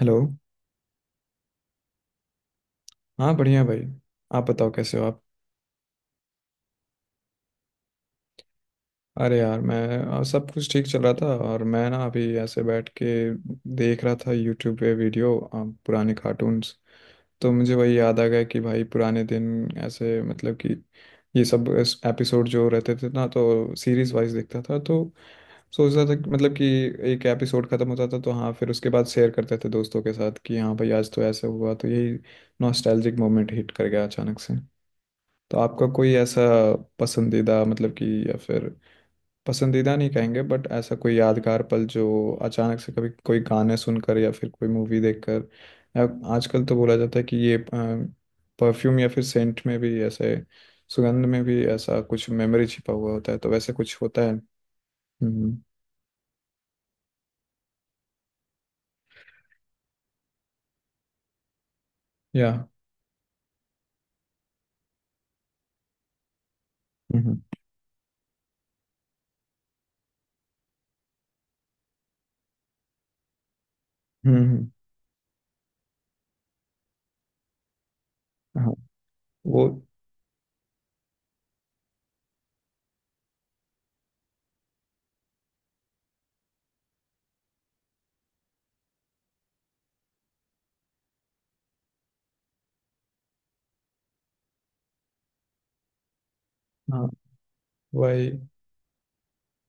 Hello. हाँ बढ़िया भाई। आप बताओ कैसे हो आप। अरे यार मैं सब कुछ ठीक चल रहा था और मैं ना अभी ऐसे बैठ के देख रहा था यूट्यूब पे वीडियो पुराने कार्टून्स। तो मुझे वही याद आ गया कि भाई पुराने दिन ऐसे मतलब कि ये सब एपिसोड जो रहते थे ना तो सीरीज वाइज देखता था। तो सोच रहा था मतलब कि एक एपिसोड खत्म होता था तो हाँ फिर उसके बाद शेयर करते थे दोस्तों के साथ कि हाँ भाई आज तो ऐसे हुआ। तो यही नॉस्टैल्जिक मोमेंट हिट कर गया अचानक से। तो आपका कोई ऐसा पसंदीदा मतलब कि या फिर पसंदीदा नहीं कहेंगे बट ऐसा कोई यादगार पल जो अचानक से कभी कोई गाने सुनकर या फिर कोई मूवी देखकर या आजकल तो बोला जाता है कि ये परफ्यूम या फिर सेंट में भी ऐसे सुगंध में भी ऐसा कुछ मेमोरी छिपा हुआ होता है, तो वैसे कुछ होता है? हम्म। या। हम्म हम्म हम्म, हम्म, हाँ। वो। हाँ। वही।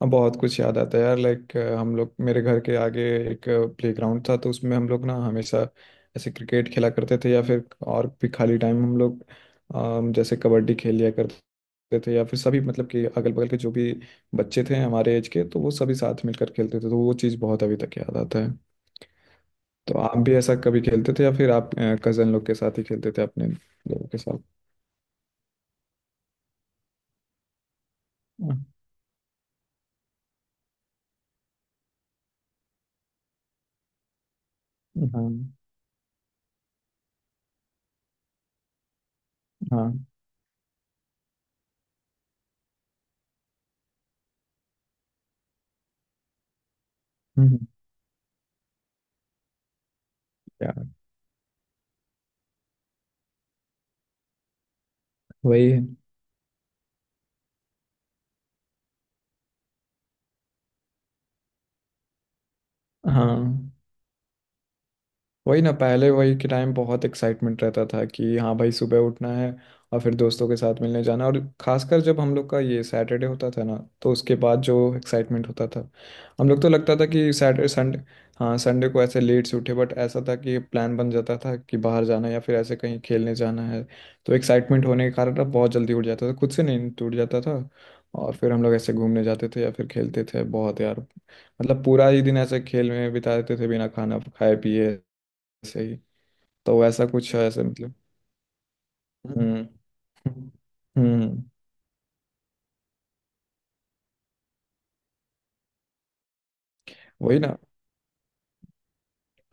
अब बहुत कुछ याद आता है यार लाइक हम लोग मेरे घर के आगे एक प्लेग्राउंड था तो उसमें हम लोग ना हमेशा ऐसे क्रिकेट खेला करते थे या फिर और भी खाली टाइम हम लोग जैसे कबड्डी खेल लिया करते थे। या फिर सभी मतलब कि अगल बगल के जो भी बच्चे थे हमारे एज के तो वो सभी साथ मिलकर खेलते थे, तो वो चीज़ बहुत अभी तक याद आता है। तो आप भी ऐसा कभी खेलते थे या फिर आप कजन लोग के साथ ही खेलते थे अपने लोगों के साथ? हाँ हाँ हाँ, हम्म, यार वही है। हाँ वही ना, पहले वही के टाइम बहुत एक्साइटमेंट रहता था कि हाँ भाई सुबह उठना है और फिर दोस्तों के साथ मिलने जाना, और खासकर जब हम लोग का ये सैटरडे होता था ना, तो उसके बाद जो एक्साइटमेंट होता था। हम लोग तो लगता था कि सैटरडे संडे। हाँ संडे को ऐसे लेट से उठे बट ऐसा था कि प्लान बन जाता था कि बाहर जाना है या फिर ऐसे कहीं खेलने जाना है, तो एक्साइटमेंट होने के कारण अब बहुत जल्दी उठ जाता था खुद से, नहीं टूट जाता था। और फिर हम लोग ऐसे घूमने जाते थे या फिर खेलते थे बहुत यार, मतलब पूरा ही दिन ऐसे खेल में बिता देते थे बिना खाना खाए पिए। सही। तो ऐसा कुछ है ऐसे मतलब। हम्म हम्म। वही ना।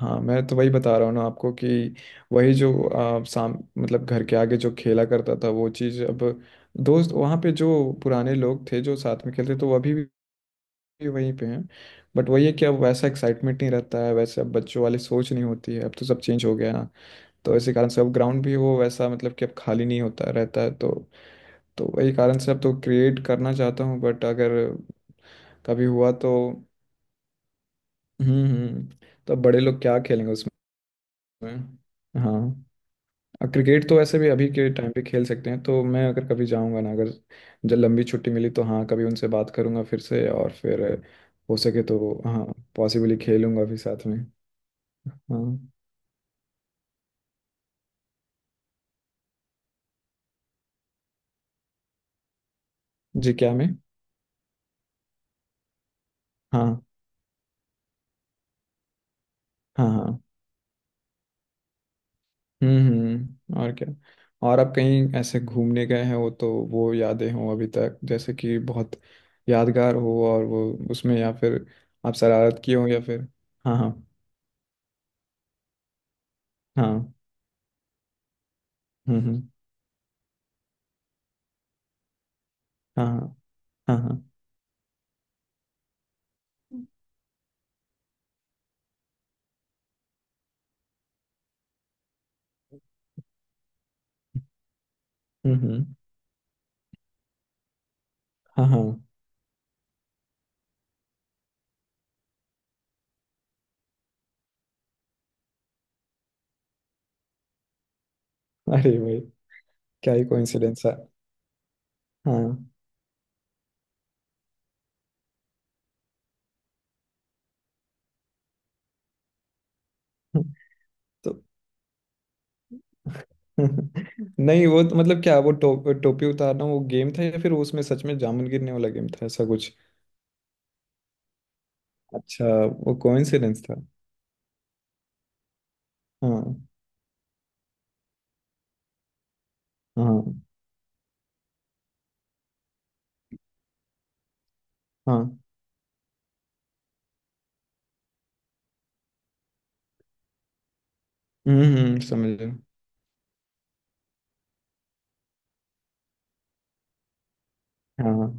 हाँ मैं तो वही बता रहा हूँ ना आपको, कि वही जो साम मतलब घर के आगे जो खेला करता था वो चीज़ अब। दोस्त वहाँ पे जो पुराने लोग थे जो साथ में खेलते तो वो अभी भी वहीं पे हैं। बट वही है कि अब वैसा एक्साइटमेंट नहीं रहता है, वैसे अब बच्चों वाली सोच नहीं होती है, अब तो सब चेंज हो गया है ना। तो इसी कारण से अब ग्राउंड भी वो वैसा मतलब कि अब खाली नहीं होता रहता है तो वही कारण से अब तो क्रिएट करना चाहता हूँ, बट अगर कभी हुआ तो। हम्म। तो अब बड़े लोग क्या खेलेंगे उसमें। हाँ। और क्रिकेट तो वैसे भी अभी के टाइम पे खेल सकते हैं, तो मैं अगर कभी जाऊंगा ना, अगर जब लंबी छुट्टी मिली तो हाँ कभी उनसे बात करूंगा फिर से, और फिर हो सके तो हाँ पॉसिबली खेलूंगा भी साथ में। हाँ। जी, क्या मैं। हाँ हाँ हाँ। और क्या। और आप कहीं ऐसे घूमने गए हैं वो तो, वो यादें हों अभी तक जैसे कि बहुत यादगार हो और वो उसमें या फिर आप शरारत किए हो या फिर। हाँ हाँ हाँ। हम्म। हाँ हाँ हाँ हाँ। हम्म हम्म, हाँ हाँ। अरे भाई। क्या ही कोइंसिडेंस है। हाँ हाँ, तो। नहीं वो तो मतलब, क्या वो टोपी उतारना वो गेम था, या फिर उसमें सच में जामुन गिरने वाला गेम था ऐसा कुछ? अच्छा, वो कोइंसिडेंस था। हाँ हाँ हाँ समझ रहे हो। हाँ।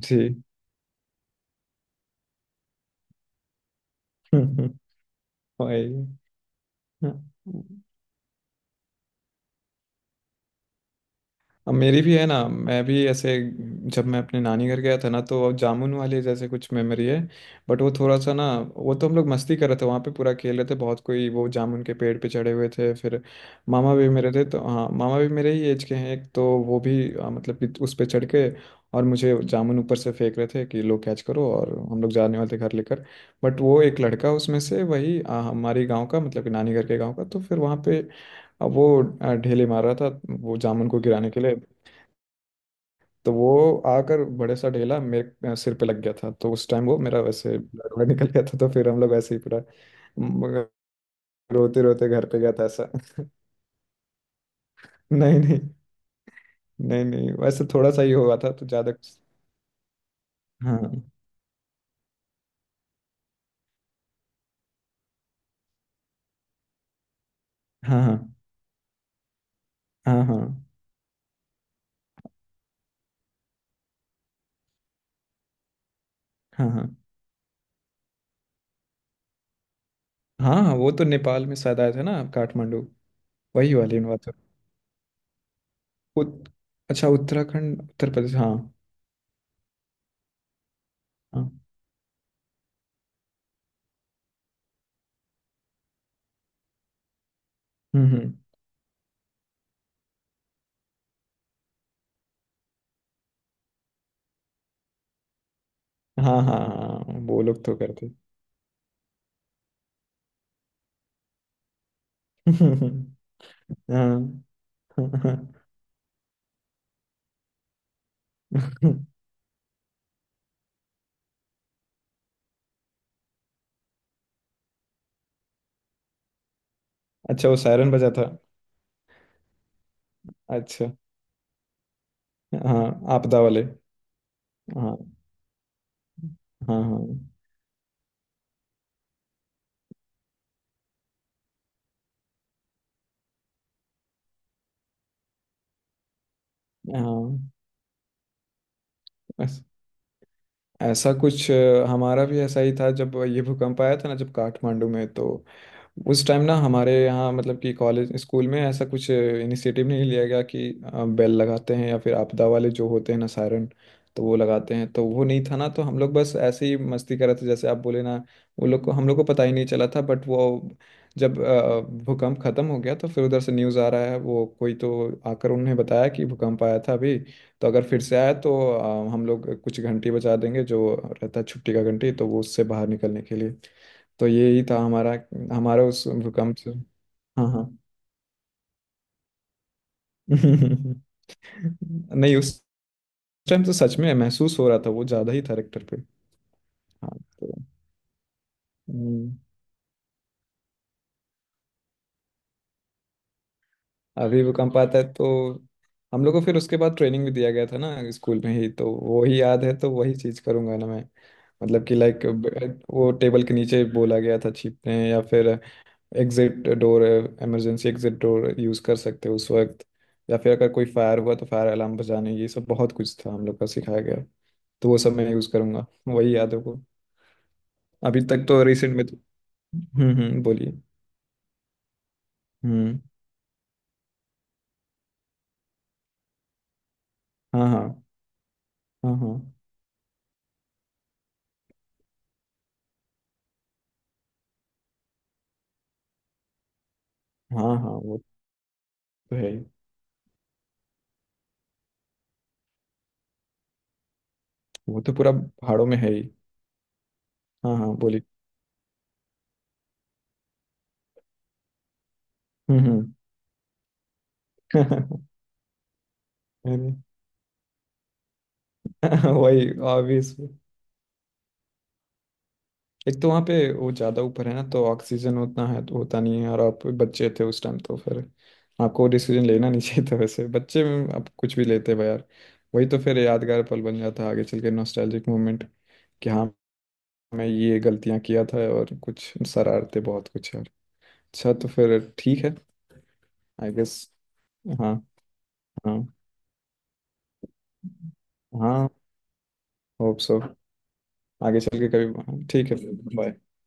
जी। वही। हाँ, अब मेरी भी है ना, मैं भी ऐसे जब मैं अपने नानी घर गया था ना तो जामुन वाले जैसे कुछ मेमोरी है, बट वो थोड़ा सा ना। वो तो हम लोग मस्ती कर रहे थे वहाँ पे पूरा, खेल रहे थे बहुत, कोई वो जामुन के पेड़ पे चढ़े हुए थे। फिर मामा भी मेरे थे तो हाँ मामा भी मेरे ही एज के हैं, एक तो वो भी मतलब कि उस पे चढ़ के और मुझे जामुन ऊपर से फेंक रहे थे कि लो कैच करो, और हम लोग जाने वाले थे घर लेकर। बट वो एक लड़का उसमें से, वही हमारी गांव का, मतलब कि नानी घर के गांव का, तो फिर वहाँ पे अब वो ढेले मार रहा था वो जामुन को गिराने के लिए। तो वो आकर बड़े सा ढेला मेरे सिर पे लग गया था, तो उस टाइम वो मेरा वैसे ब्लड ब्लड निकल गया था, तो फिर हम लोग ऐसे ही पूरा म- रोते रोते घर पे गया था ऐसा। नहीं नहीं। नहीं नहीं वैसे थोड़ा सा ही हुआ था तो ज्यादा कुछ। हाँ हाँ हाँ हाँ हाँ हाँ हाँ हाँ हाँ, वो तो नेपाल में शायद आए थे ना आप, काठमांडू। वही वाली बात है। उत, अच्छा उत्तराखंड उत्तर प्रदेश हाँ। हाँ। हम्म। हाँ हाँ हाँ वो लोग तो करते। हाँ। अच्छा, वो सायरन बजा था? अच्छा, हाँ आपदा वाले। हाँ हाँ हाँ हाँ। बस ऐसा कुछ हमारा भी ऐसा ही था जब ये भूकंप आया था ना, जब काठमांडू में, तो उस टाइम ना हमारे यहाँ मतलब कि कॉलेज स्कूल में ऐसा कुछ इनिशिएटिव नहीं लिया गया कि बेल लगाते हैं या फिर आपदा वाले जो होते हैं ना सायरन, तो वो लगाते हैं, तो वो नहीं था ना। तो हम लोग बस ऐसे ही मस्ती कर रहे थे जैसे आप बोले ना, वो लोग को हम लोग को पता ही नहीं चला था। बट वो जब भूकंप खत्म हो गया तो फिर उधर से न्यूज़ आ रहा है, वो कोई तो आकर उन्हें बताया कि भूकंप आया था अभी, तो अगर फिर से आया तो हम लोग कुछ घंटी बजा देंगे जो रहता है छुट्टी का घंटी, तो वो उससे बाहर निकलने के लिए। तो यही था हमारा हमारा उस भूकंप से। हाँ हाँ। नहीं उस टाइम तो सच में महसूस हो रहा था, वो ज्यादा ही था रेक्टर पे। हाँ। तो। हम्म, अभी भूकंप आता है तो हम लोग को फिर उसके बाद ट्रेनिंग भी दिया गया था ना स्कूल में ही, तो वो ही याद है, तो वही चीज करूंगा ना मैं। मतलब कि लाइक वो टेबल के नीचे बोला गया था छिपने, या फिर एग्जिट डोर है, इमरजेंसी एग्जिट डोर यूज कर सकते हो उस वक्त, या फिर अगर कोई फायर हुआ तो फायर अलार्म बजाने, ये सब बहुत कुछ था हम लोग का सिखाया गया। तो वो सब मैं यूज करूंगा, वही याद है को। अभी तक तो रिसेंट में तो। हम्म, बोलिए। हम्म। हाँ हाँ हाँ हाँ हाँ हाँ। वो तो है ही, वो तो पूरा पहाड़ों में है ही। हाँ हाँ बोलिए। हम्म। हम्म। वही ऑब्वियस। एक तो वहाँ पे वो ज़्यादा ऊपर है ना तो ऑक्सीजन उतना है तो होता नहीं है, और आप बच्चे थे उस टाइम तो फिर आपको डिसीजन लेना नहीं चाहिए था। वैसे बच्चे में आप कुछ भी लेते भाई यार। वही तो फिर यादगार पल बन जाता है आगे चल के, नॉस्टैल्जिक मोमेंट कि हाँ मैं ये गलतियाँ किया था और कुछ शरारते, बहुत कुछ यार। अच्छा तो फिर ठीक है। I guess. हाँ। हाँ। हाँ होप सो, आगे चल के कभी। ठीक है, बाय।